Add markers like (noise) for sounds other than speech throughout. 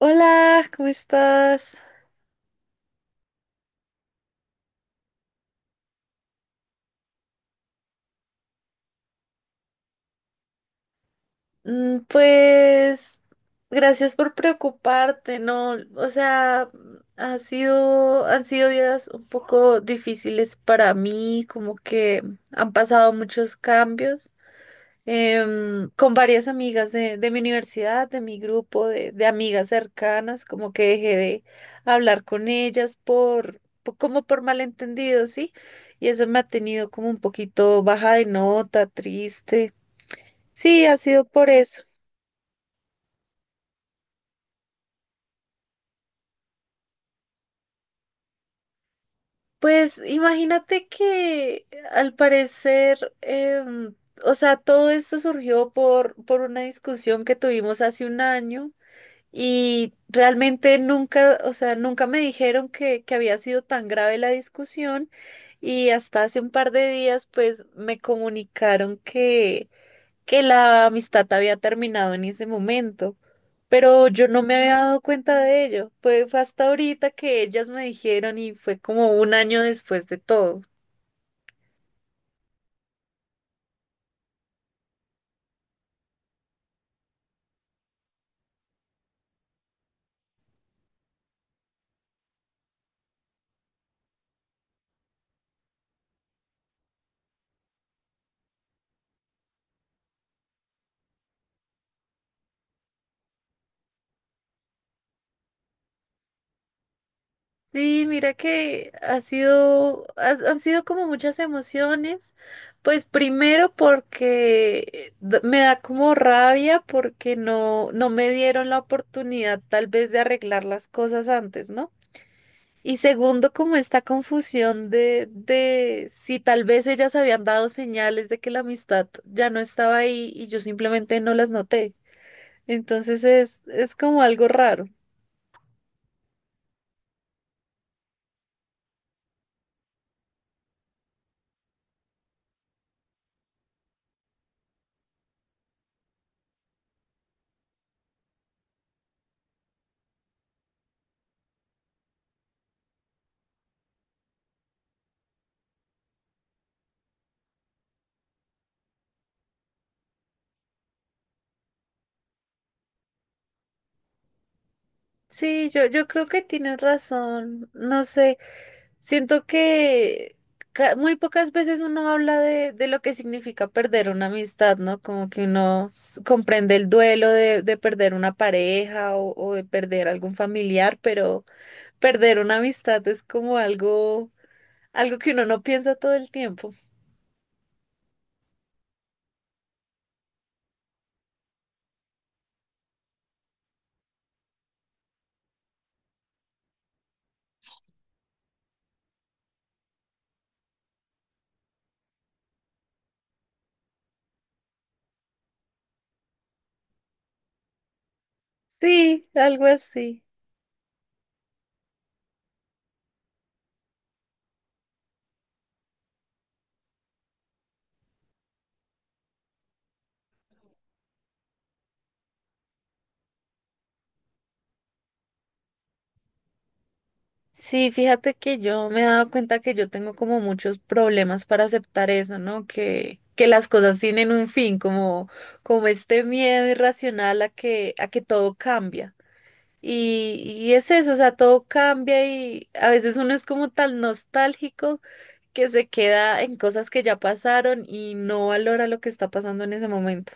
Hola, ¿cómo estás? Pues gracias por preocuparte, ¿no? O sea, han sido días un poco difíciles para mí, como que han pasado muchos cambios con varias amigas de mi universidad, de mi grupo, de amigas cercanas, como que dejé de hablar con ellas como por malentendidos, ¿sí? Y eso me ha tenido como un poquito baja de nota, triste. Sí, ha sido por eso. Pues imagínate que al parecer, o sea, todo esto surgió por una discusión que tuvimos hace un año y realmente nunca, o sea, nunca me dijeron que había sido tan grave la discusión y hasta hace un par de días pues me comunicaron que la amistad había terminado en ese momento, pero yo no me había dado cuenta de ello. Fue hasta ahorita que ellas me dijeron y fue como un año después de todo. Sí, mira que han sido como muchas emociones. Pues primero porque me da como rabia porque no me dieron la oportunidad tal vez de arreglar las cosas antes, ¿no? Y segundo, como esta confusión de si tal vez ellas habían dado señales de que la amistad ya no estaba ahí y yo simplemente no las noté. Entonces es como algo raro. Sí, yo creo que tienes razón. No sé, siento que muy pocas veces uno habla de lo que significa perder una amistad, ¿no? Como que uno comprende el duelo de perder una pareja o de perder algún familiar, pero perder una amistad es como algo, algo que uno no piensa todo el tiempo. Sí, algo así. Sí, fíjate que yo me he dado cuenta que yo tengo como muchos problemas para aceptar eso, ¿no? Que las cosas tienen un fin, como, como este miedo irracional a que todo cambia. Y es eso, o sea, todo cambia y a veces uno es como tan nostálgico que se queda en cosas que ya pasaron y no valora lo que está pasando en ese momento.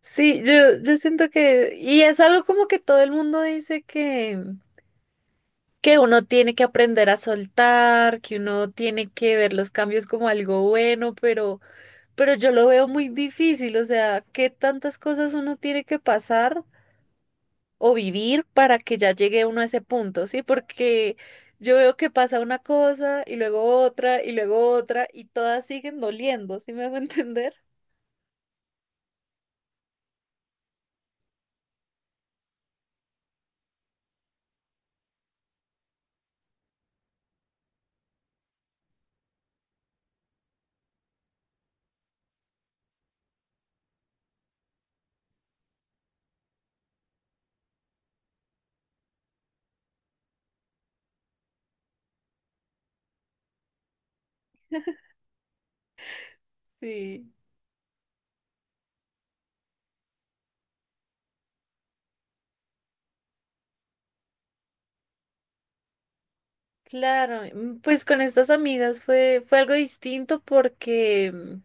Sí, yo siento que, y es algo como que todo el mundo dice que uno tiene que aprender a soltar, que uno tiene que ver los cambios como algo bueno, pero yo lo veo muy difícil, o sea, qué tantas cosas uno tiene que pasar o vivir para que ya llegue uno a ese punto, ¿sí? Porque yo veo que pasa una cosa y luego otra y luego otra y todas siguen doliendo, ¿sí me hago (laughs) entender? Sí. Claro, mm, pues con estas amigas fue algo distinto porque mm,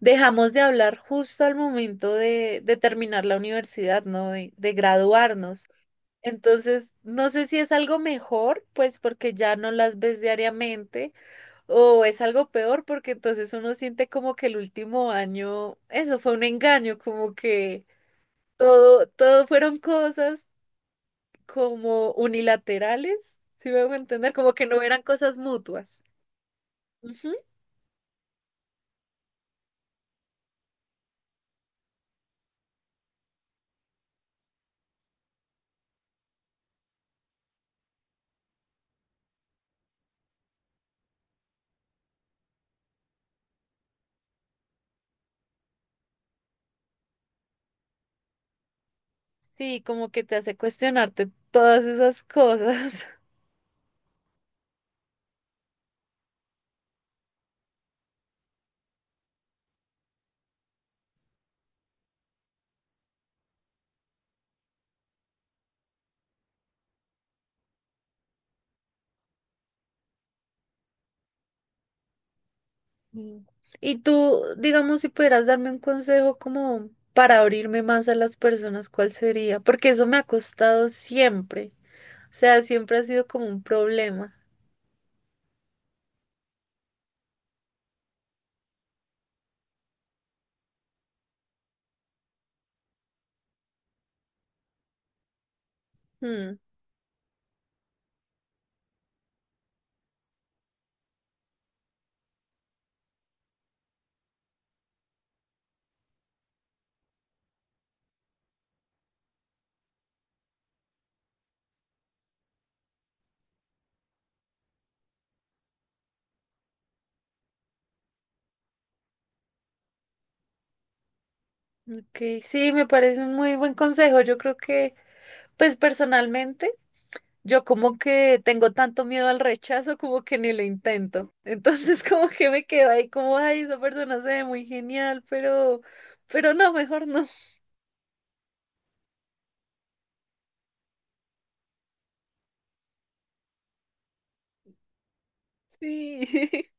dejamos de hablar justo al momento de terminar la universidad, ¿no? De graduarnos. Entonces, no sé si es algo mejor, pues porque ya no las ves diariamente, o es algo peor porque entonces uno siente como que el último año, eso fue un engaño, como que todo, todo fueron cosas como unilaterales, si me hago entender, como que no eran cosas mutuas. Ujú. Sí, como que te hace cuestionarte todas esas cosas. (laughs) Sí. Y tú, digamos, si pudieras darme un consejo como para abrirme más a las personas, ¿cuál sería? Porque eso me ha costado siempre. O sea, siempre ha sido como un problema. Hmm, ok, sí, me parece un muy buen consejo. Yo creo que, pues personalmente, yo como que tengo tanto miedo al rechazo como que ni lo intento. Entonces (laughs) como que me quedo ahí como, ay, esa persona se ve muy genial, pero no, mejor no. Sí. (laughs)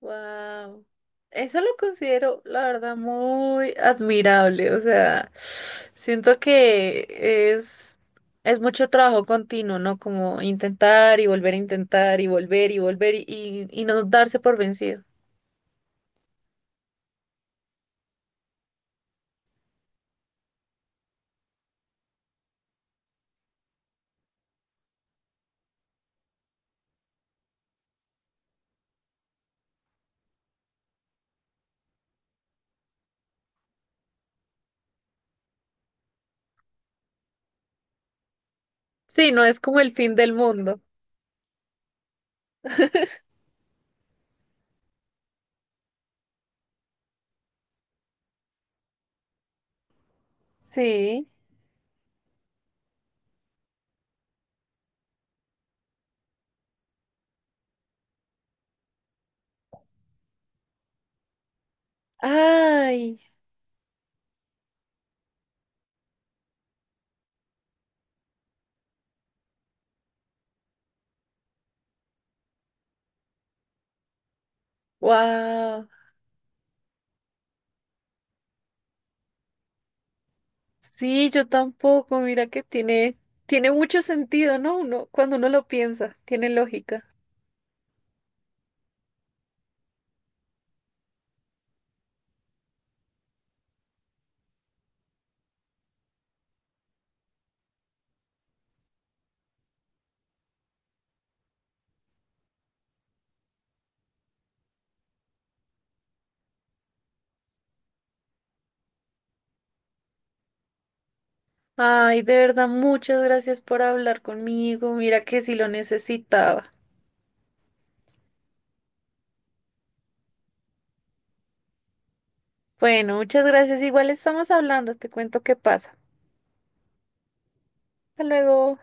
Wow. Eso lo considero, la verdad, muy admirable. O sea, siento que es, es mucho trabajo continuo, ¿no? Como intentar y volver a intentar y volver y volver y no darse por vencido. Sí, no es como el fin del mundo. Sí. Ay, wow. Sí, yo tampoco. Mira que tiene, tiene mucho sentido, ¿no? Uno, cuando uno lo piensa, tiene lógica. Ay, de verdad, muchas gracias por hablar conmigo. Mira que sí lo necesitaba. Bueno, muchas gracias. Igual estamos hablando. Te cuento qué pasa. Hasta luego.